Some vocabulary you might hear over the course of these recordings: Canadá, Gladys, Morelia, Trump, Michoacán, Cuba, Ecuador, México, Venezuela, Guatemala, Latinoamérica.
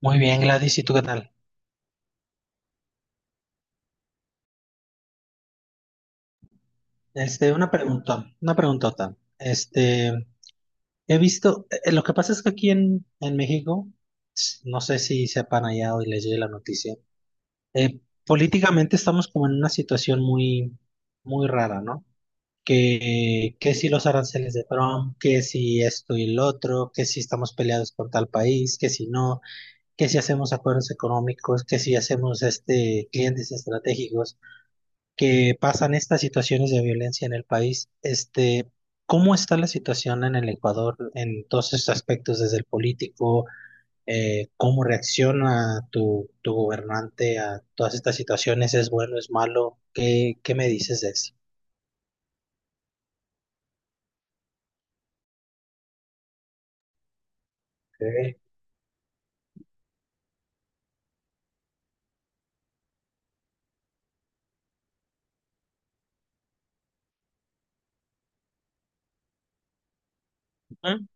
Muy bien, Gladys, ¿y tú qué tal? Una pregunta, una preguntota. He visto, lo que pasa es que aquí en México, no sé si sepan allá hoy les llegue la noticia. eh, Políticamente estamos como en una situación muy, muy rara, ¿no? Que si los aranceles de Trump, que si esto y el otro, que si estamos peleados con tal país, que si no, que si hacemos acuerdos económicos, que si hacemos clientes estratégicos, que pasan estas situaciones de violencia en el país. ¿Cómo está la situación en el Ecuador en todos estos aspectos, desde el político? ¿Cómo reacciona tu gobernante a todas estas situaciones? ¿Es bueno, es malo? ¿Qué, qué me dices de eso? Ok. Ujú.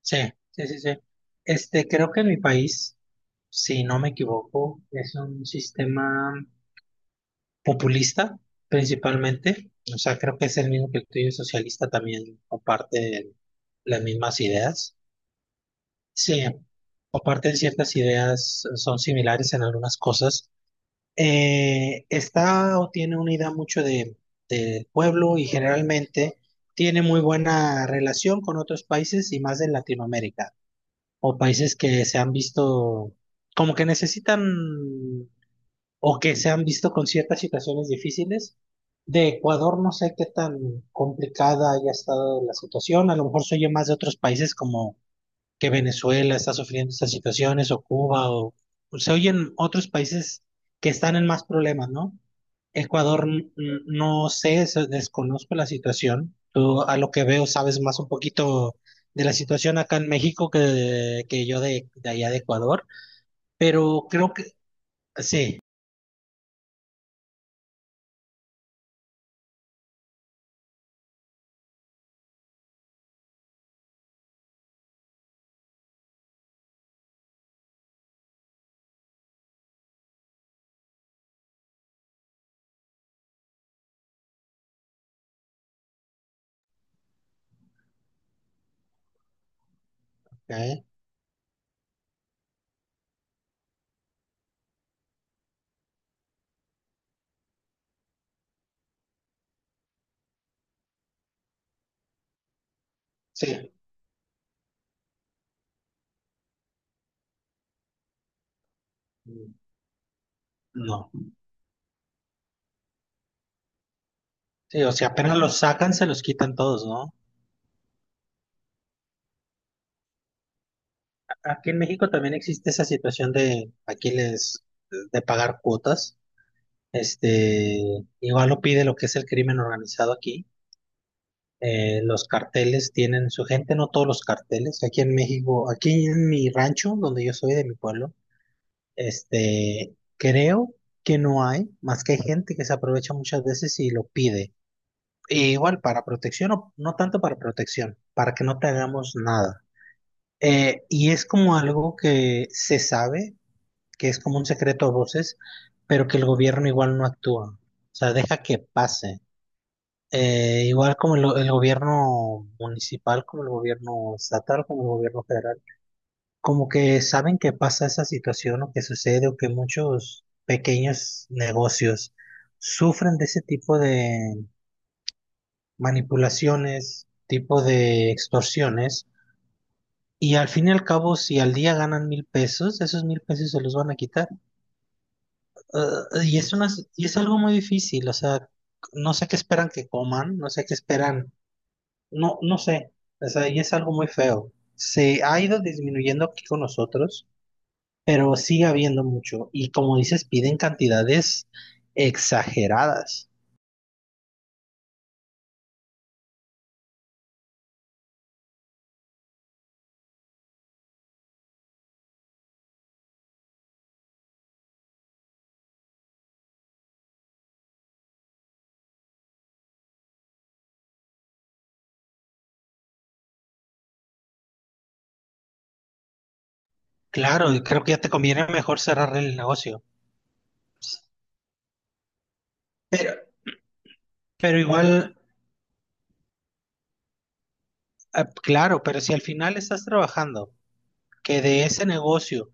Sí, sí, sí, sí. Creo que en mi país, si no me equivoco, es un sistema populista principalmente. O sea, creo que es el mismo que el tuyo socialista también comparte las mismas ideas. Sí, comparten ciertas ideas, son similares en algunas cosas. Está o tiene una idea mucho de pueblo y generalmente tiene muy buena relación con otros países y más de Latinoamérica o países que se han visto como que necesitan o que se han visto con ciertas situaciones difíciles. De Ecuador no sé qué tan complicada haya estado la situación, a lo mejor se oye más de otros países como que Venezuela está sufriendo estas situaciones o Cuba o pues, se oyen otros países que están en más problemas, ¿no? Ecuador no sé, desconozco la situación. Tú a lo que veo sabes más un poquito de la situación acá en México que yo de allá de Ecuador, pero creo que sí, ¿eh? Sí. No. Sí, o sea, apenas los sacan, se los quitan todos, ¿no? Aquí en México también existe esa situación de aquí les de pagar cuotas. Igual lo pide lo que es el crimen organizado aquí. Los carteles tienen su gente, no todos los carteles. Aquí en México, aquí en mi rancho, donde yo soy de mi pueblo, creo que no hay, más que hay gente que se aprovecha muchas veces y lo pide. E igual para protección, o no tanto para protección, para que no te hagamos nada. Y es como algo que se sabe, que es como un secreto a voces, pero que el gobierno igual no actúa. O sea, deja que pase. Igual como el gobierno municipal, como el gobierno estatal, como el gobierno federal, como que saben que pasa esa situación o que sucede o que muchos pequeños negocios sufren de ese tipo de manipulaciones, tipo de extorsiones. Y al fin y al cabo, si al día ganan 1,000 pesos, esos 1,000 pesos se los van a quitar. Eh, y es una, y es algo muy difícil, o sea, no sé qué esperan que coman, no sé qué esperan, no, no sé, o sea, y es algo muy feo. Se ha ido disminuyendo aquí con nosotros, pero sigue habiendo mucho. Y como dices, piden cantidades exageradas. Claro, y creo que ya te conviene mejor cerrar el negocio. Pero igual, claro, pero si al final estás trabajando, que de ese negocio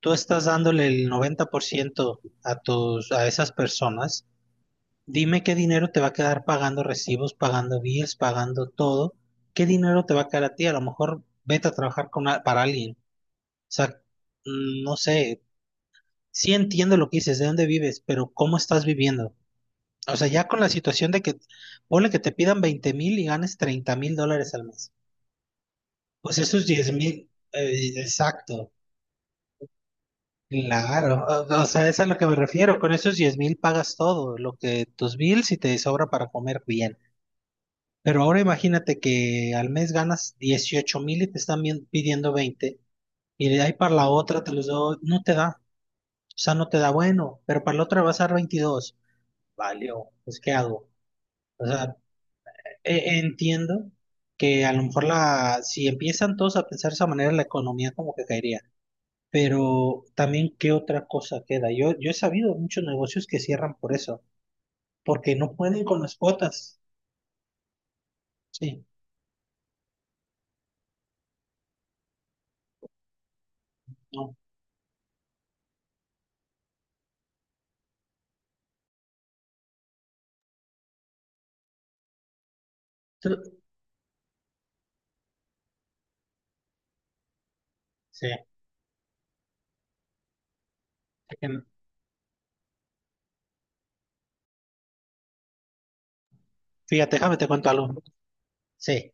tú estás dándole el 90% a tus, a esas personas, dime qué dinero te va a quedar pagando recibos, pagando bills, pagando todo. ¿Qué dinero te va a quedar a ti? A lo mejor vete a trabajar con, para alguien. O sea, no sé, sí entiendo lo que dices, de dónde vives, pero ¿cómo estás viviendo? O sea, ya con la situación de que, ponle que te pidan 20,000 y ganes $30,000 al mes. Pues esos 10,000, exacto. Claro, o sea, es a lo que me refiero. Con esos 10,000 pagas todo, lo que tus bills y te sobra para comer bien. Pero ahora imagínate que al mes ganas 18,000 y te están pidiendo 20. Y de ahí para la otra te los doy, no te da. O sea, no te da bueno, pero para la otra vas a dar 22. Valió, pues ¿qué hago? O sea, entiendo que a lo mejor la, si empiezan todos a pensar de esa manera, la economía como que caería. Pero también, ¿qué otra cosa queda? Yo he sabido muchos negocios que cierran por eso, porque no pueden con las cuotas. Sí, no. Tr- Sí. Es no. Fíjate, déjame te cuento algo. Sí.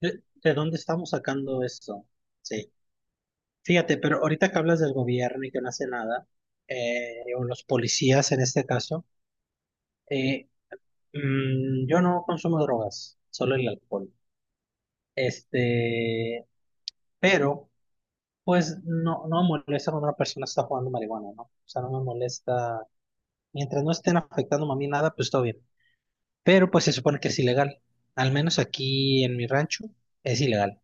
¿De dónde estamos sacando esto? Sí. Fíjate, pero ahorita que hablas del gobierno y que no hace nada, o los policías en este caso. eh, yo no consumo drogas, solo el alcohol. Este, pero pues no, no me molesta cuando una persona está jugando marihuana, ¿no? O sea, no me molesta. Mientras no estén afectando a mí nada, pues todo bien. Pero pues se supone que es ilegal. Al menos aquí en mi rancho es ilegal.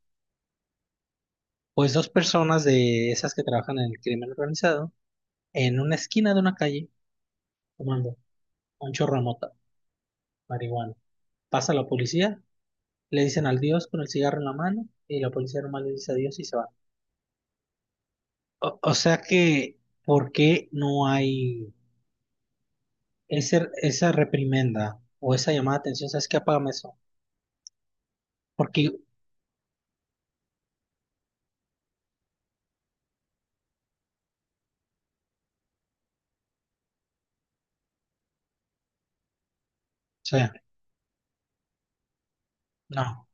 Pues dos personas de esas que trabajan en el crimen organizado, en una esquina de una calle, fumando un chorro de mota, marihuana. Pasa la policía, le dicen al Dios con el cigarro en la mano y la policía normal le dice adiós y se va. O sea que, ¿por qué no hay ese, esa reprimenda o esa llamada de atención? ¿Sabes qué? Apágame eso. Porque, sí, no,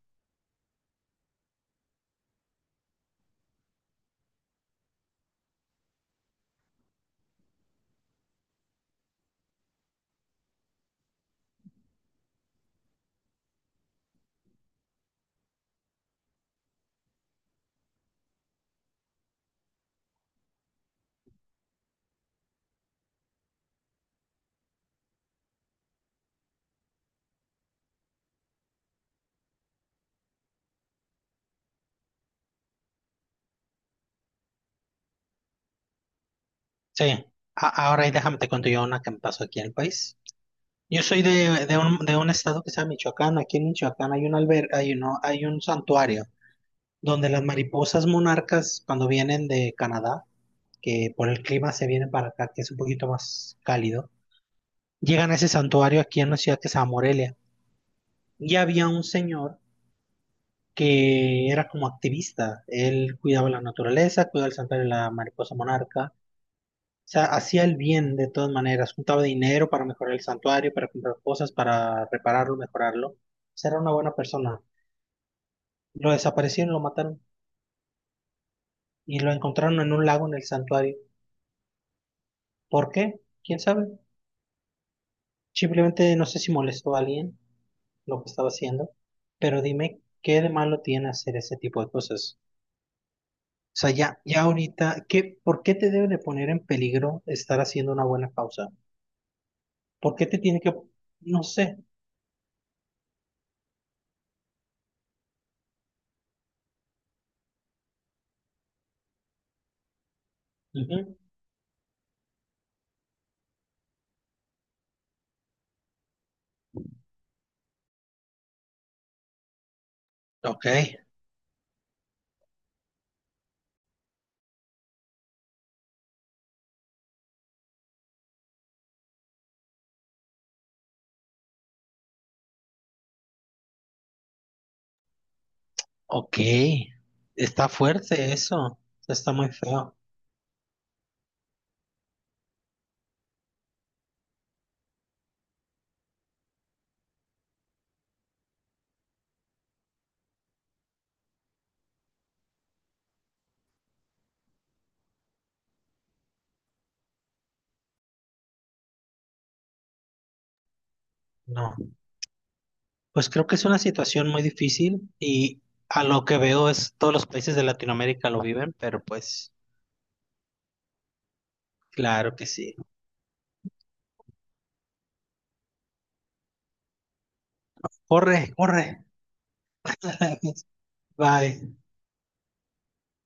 sí. Ahora y déjame te cuento yo una que me pasó aquí en el país. Yo soy de un estado que se llama Michoacán. Aquí en Michoacán hay un alber, hay, uno, hay un santuario donde las mariposas monarcas, cuando vienen de Canadá, que por el clima se vienen para acá, que es un poquito más cálido, llegan a ese santuario aquí en una ciudad que se llama Morelia. Y había un señor que era como activista. Él cuidaba la naturaleza, cuidaba el santuario de la mariposa monarca. O sea, hacía el bien de todas maneras. Juntaba dinero para mejorar el santuario, para comprar cosas, para repararlo, mejorarlo. O sea, era una buena persona. Lo desaparecieron, lo mataron y lo encontraron en un lago en el santuario. ¿Por qué? ¿Quién sabe? Simplemente no sé si molestó a alguien lo que estaba haciendo. Pero dime, ¿qué de malo tiene hacer ese tipo de cosas? Sea, ya, ya ahorita, ¿qué, por qué te debe de poner en peligro estar haciendo una buena causa? ¿Por qué te tiene que, no sé? Ujú. Ok, ok. Está fuerte eso. Está muy feo. No. Pues creo que es una situación muy difícil y a lo que veo es todos los países de Latinoamérica lo viven, pero pues claro que sí. Corre, corre. Bye.